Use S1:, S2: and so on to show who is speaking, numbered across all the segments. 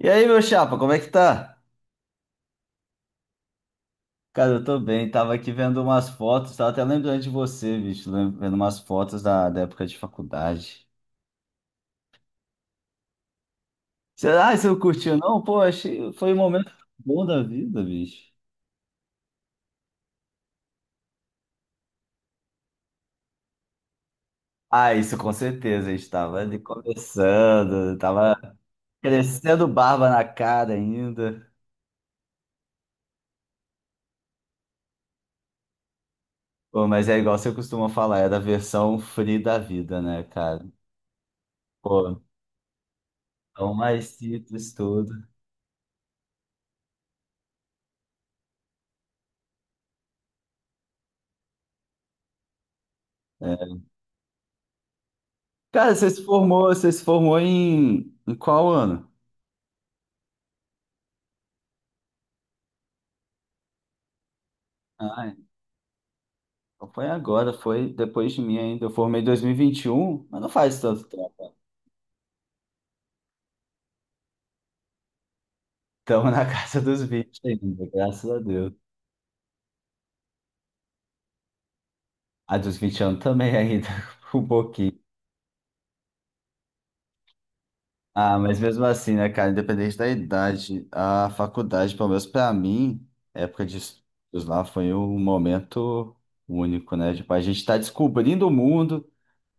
S1: E aí, meu chapa, como é que tá? Cara, eu tô bem, tava aqui vendo umas fotos, tava até lembrando de você, bicho, vendo umas fotos da época de faculdade. Será que você não curtiu, não? Pô, achei, foi um momento bom da vida, bicho. Ah, isso com certeza, a gente tava ali começando, tava crescendo barba na cara ainda. Pô, mas é igual você costuma falar, era a versão free da vida, né, cara? Pô, tão mais simples tudo. Né? Cara, você se formou em qual ano? Ah, então foi agora, foi depois de mim ainda. Eu formei em 2021, mas não faz tanto tempo. Estamos na casa dos 20 ainda, graças a Deus. A dos 20 anos também ainda, um pouquinho. Ah, mas mesmo assim, né, cara, independente da idade, a faculdade, pelo menos pra mim, a época de estudos lá foi um momento único, né? Tipo, a gente tá descobrindo o mundo.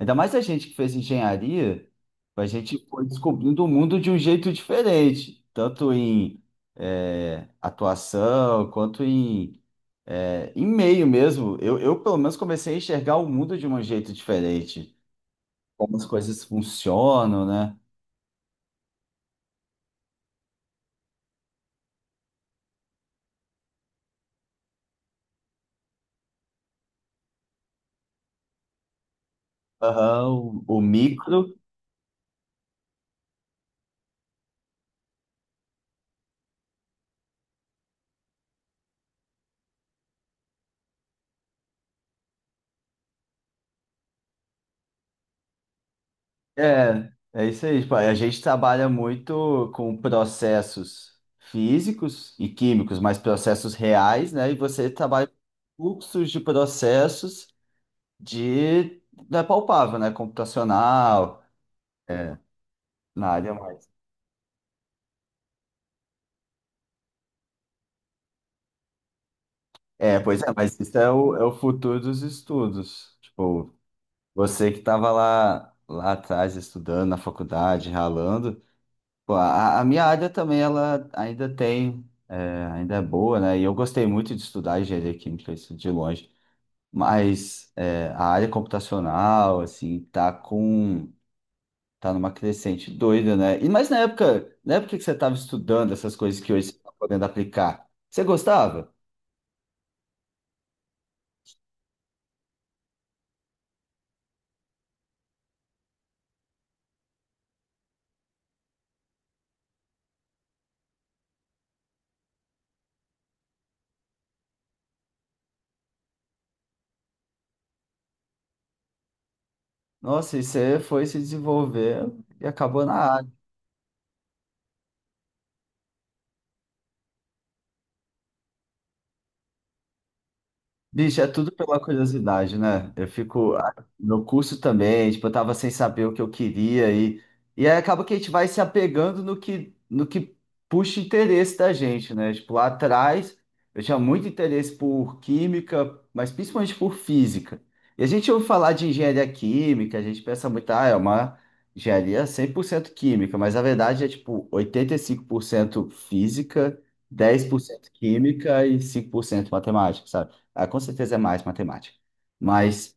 S1: Ainda mais a gente que fez engenharia, a gente foi descobrindo o mundo de um jeito diferente, tanto em atuação quanto em, em meio mesmo. Eu, pelo menos, comecei a enxergar o mundo de um jeito diferente, como as coisas funcionam, né? Aham, o micro. É, é isso aí. Tipo, a gente trabalha muito com processos físicos e químicos, mas processos reais, né? E você trabalha com fluxos de processos de, da palpável, né? Computacional, na área mais. É, pois é, mas isso é o futuro dos estudos. Tipo, você que estava lá, lá atrás estudando na faculdade, ralando. Pô, a minha área também, ela ainda tem, é, ainda é boa, né? E eu gostei muito de estudar engenharia química, isso de longe. Mas é, a área computacional, assim, tá com, tá numa crescente doida, né? E mas na época que você estava estudando essas coisas que hoje você está podendo aplicar, você gostava? Nossa, e você foi se desenvolver e acabou na área. Bicho, é tudo pela curiosidade, né? Eu fico. Meu curso também, tipo, eu tava sem saber o que eu queria e aí acaba que a gente vai se apegando no que puxa interesse da gente, né? Tipo, lá atrás eu tinha muito interesse por química, mas principalmente por física. E a gente ouve falar de engenharia química, a gente pensa muito, ah, é uma engenharia 100% química, mas a verdade é, tipo, 85% física, 10% química e 5% matemática, sabe? Ah, com certeza é mais matemática. Mas,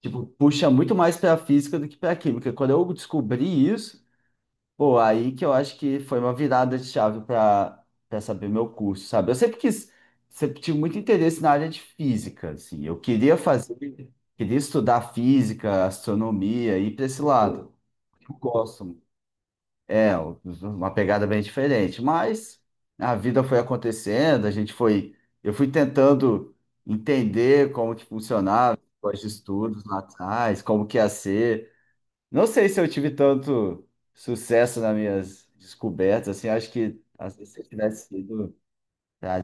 S1: tipo, puxa muito mais para física do que para química. Quando eu descobri isso, pô, aí que eu acho que foi uma virada de chave para saber meu curso, sabe? Eu sempre quis, sempre tive muito interesse na área de física, assim. Eu queria fazer, queria estudar física, astronomia, ir para esse lado. Eu gosto é, uma pegada bem diferente, mas a vida foi acontecendo, a gente foi, eu fui tentando entender como que funcionava os estudos lá atrás, como que ia ser. Não sei se eu tive tanto sucesso nas minhas descobertas, assim, acho que às vezes, se eu tivesse sido para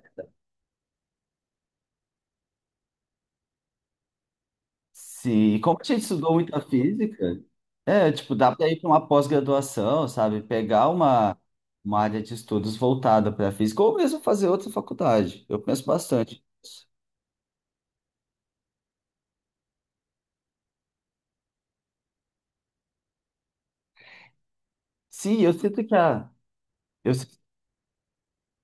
S1: Sim, e como a gente estudou muita física, é, tipo, dá para ir para uma pós-graduação, sabe? Pegar uma área de estudos voltada para física, ou mesmo fazer outra faculdade. Eu penso bastante. Sim, eu sinto que a. Eu, sinto-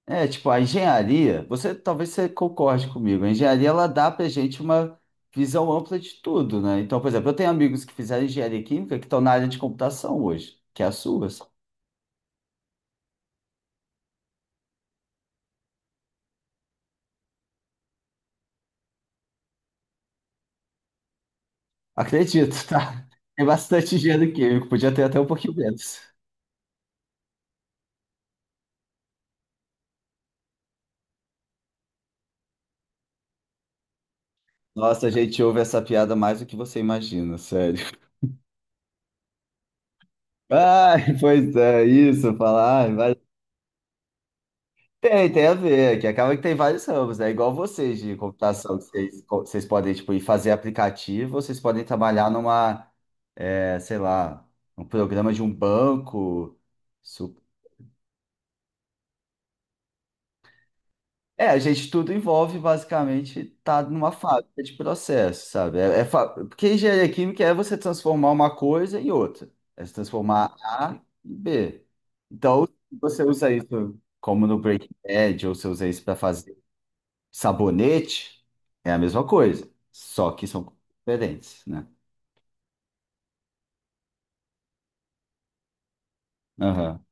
S1: É, tipo, a engenharia, você talvez você concorde comigo, a engenharia ela dá pra gente uma visão ampla de tudo, né? Então, por exemplo, eu tenho amigos que fizeram engenharia química que estão na área de computação hoje, que é a sua. Assim. Acredito, tá? Tem bastante engenheiro químico, podia ter até um pouquinho menos. Nossa, a gente ouve essa piada mais do que você imagina, sério. Ai, pois é, isso, falar. Ai, vai- Tem, tem a ver, que acaba que tem vários ramos, né? É igual vocês de computação, que vocês, vocês podem, tipo, ir fazer aplicativo, vocês podem trabalhar numa, é, sei lá, um programa de um banco. É, a gente tudo envolve basicamente estar numa fábrica de processo, sabe? É, porque engenharia química é você transformar uma coisa em outra. É se transformar A em B. Então, se você usa isso como no Breaking Bad, ou você usa isso para fazer sabonete, é a mesma coisa. Só que são diferentes, né? Aham.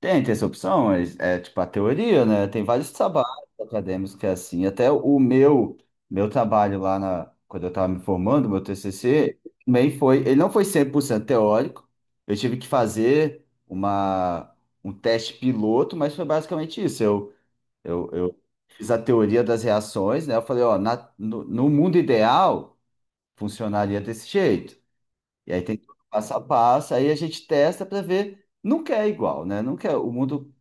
S1: Tem, tem essa opção, mas é tipo a teoria, né? Tem vários trabalhos acadêmicos que é assim. Até o meu, meu trabalho lá na, quando eu estava me formando, meu TCC, também foi, ele não foi 100% teórico. Eu tive que fazer uma, um teste piloto, mas foi basicamente isso. Eu fiz a teoria das reações, né? Eu falei, ó, na, no, no mundo ideal, funcionaria desse jeito. E aí tem todo o passo a passo, aí a gente testa para ver. Nunca é igual, né? Nunca é- O mundo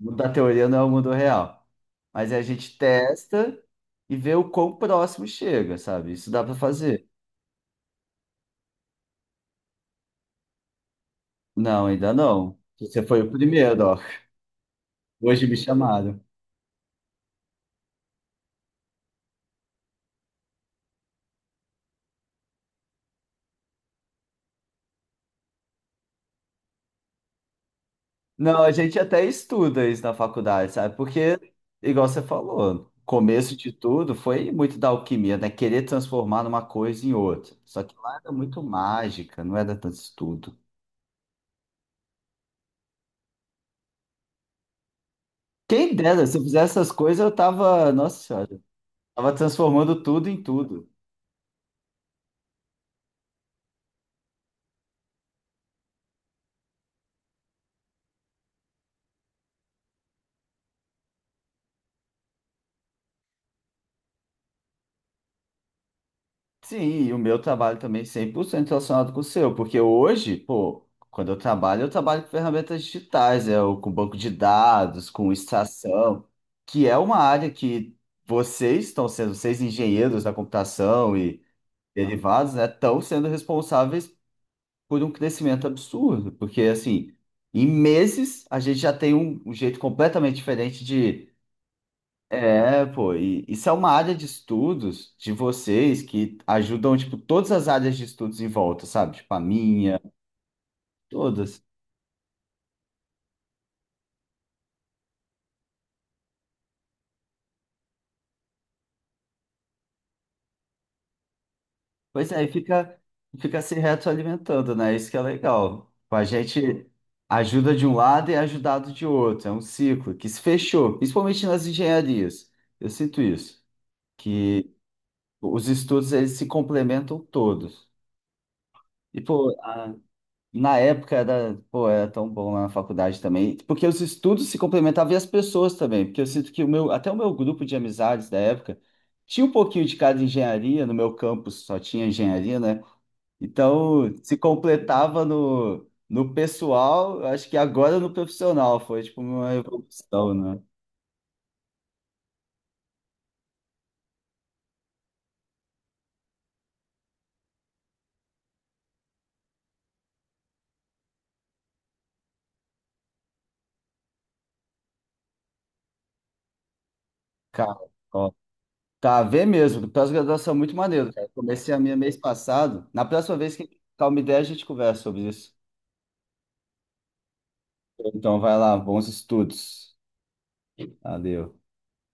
S1: o mundo da teoria não é o mundo real. Mas a gente testa e vê o quão próximo chega, sabe? Isso dá para fazer. Não, ainda não. Você foi o primeiro, ó. Hoje me chamaram. Não, a gente até estuda isso na faculdade, sabe? Porque, igual você falou, o começo de tudo foi muito da alquimia, né? Querer transformar uma coisa em outra. Só que lá era muito mágica, não era tanto estudo. Quem dera, se eu fizesse essas coisas, eu tava, nossa senhora, tava transformando tudo em tudo. Sim, e o meu trabalho também 100% relacionado com o seu, porque hoje, pô, quando eu trabalho com ferramentas digitais, é, com banco de dados, com extração, que é uma área que vocês estão sendo, vocês engenheiros da computação e derivados, né, estão sendo responsáveis por um crescimento absurdo, porque assim, em meses a gente já tem um, um jeito completamente diferente de é, pô, e isso é uma área de estudos de vocês que ajudam, tipo, todas as áreas de estudos em volta, sabe? Tipo, a minha, todas. Pois é, fica se retroalimentando, né? Isso que é legal. Tipo, a gente ajuda de um lado e é ajudado de outro. É um ciclo que se fechou, principalmente nas engenharias. Eu sinto isso, que os estudos, eles se complementam todos. E, pô, na época era, pô, era tão bom lá na faculdade também, porque os estudos se complementavam e as pessoas também, porque eu sinto que o meu, até o meu grupo de amizades da época tinha um pouquinho de cada engenharia, no meu campus só tinha engenharia, né? Então se completava no, no pessoal, eu acho que agora no profissional, foi tipo uma evolução, né? Cara, ó, tá, vê mesmo, pós-graduação é muito maneiro, cara. Comecei a minha mês passado, na próxima vez que a gente trocar uma ideia a gente conversa sobre isso. Então vai lá, bons estudos. Valeu.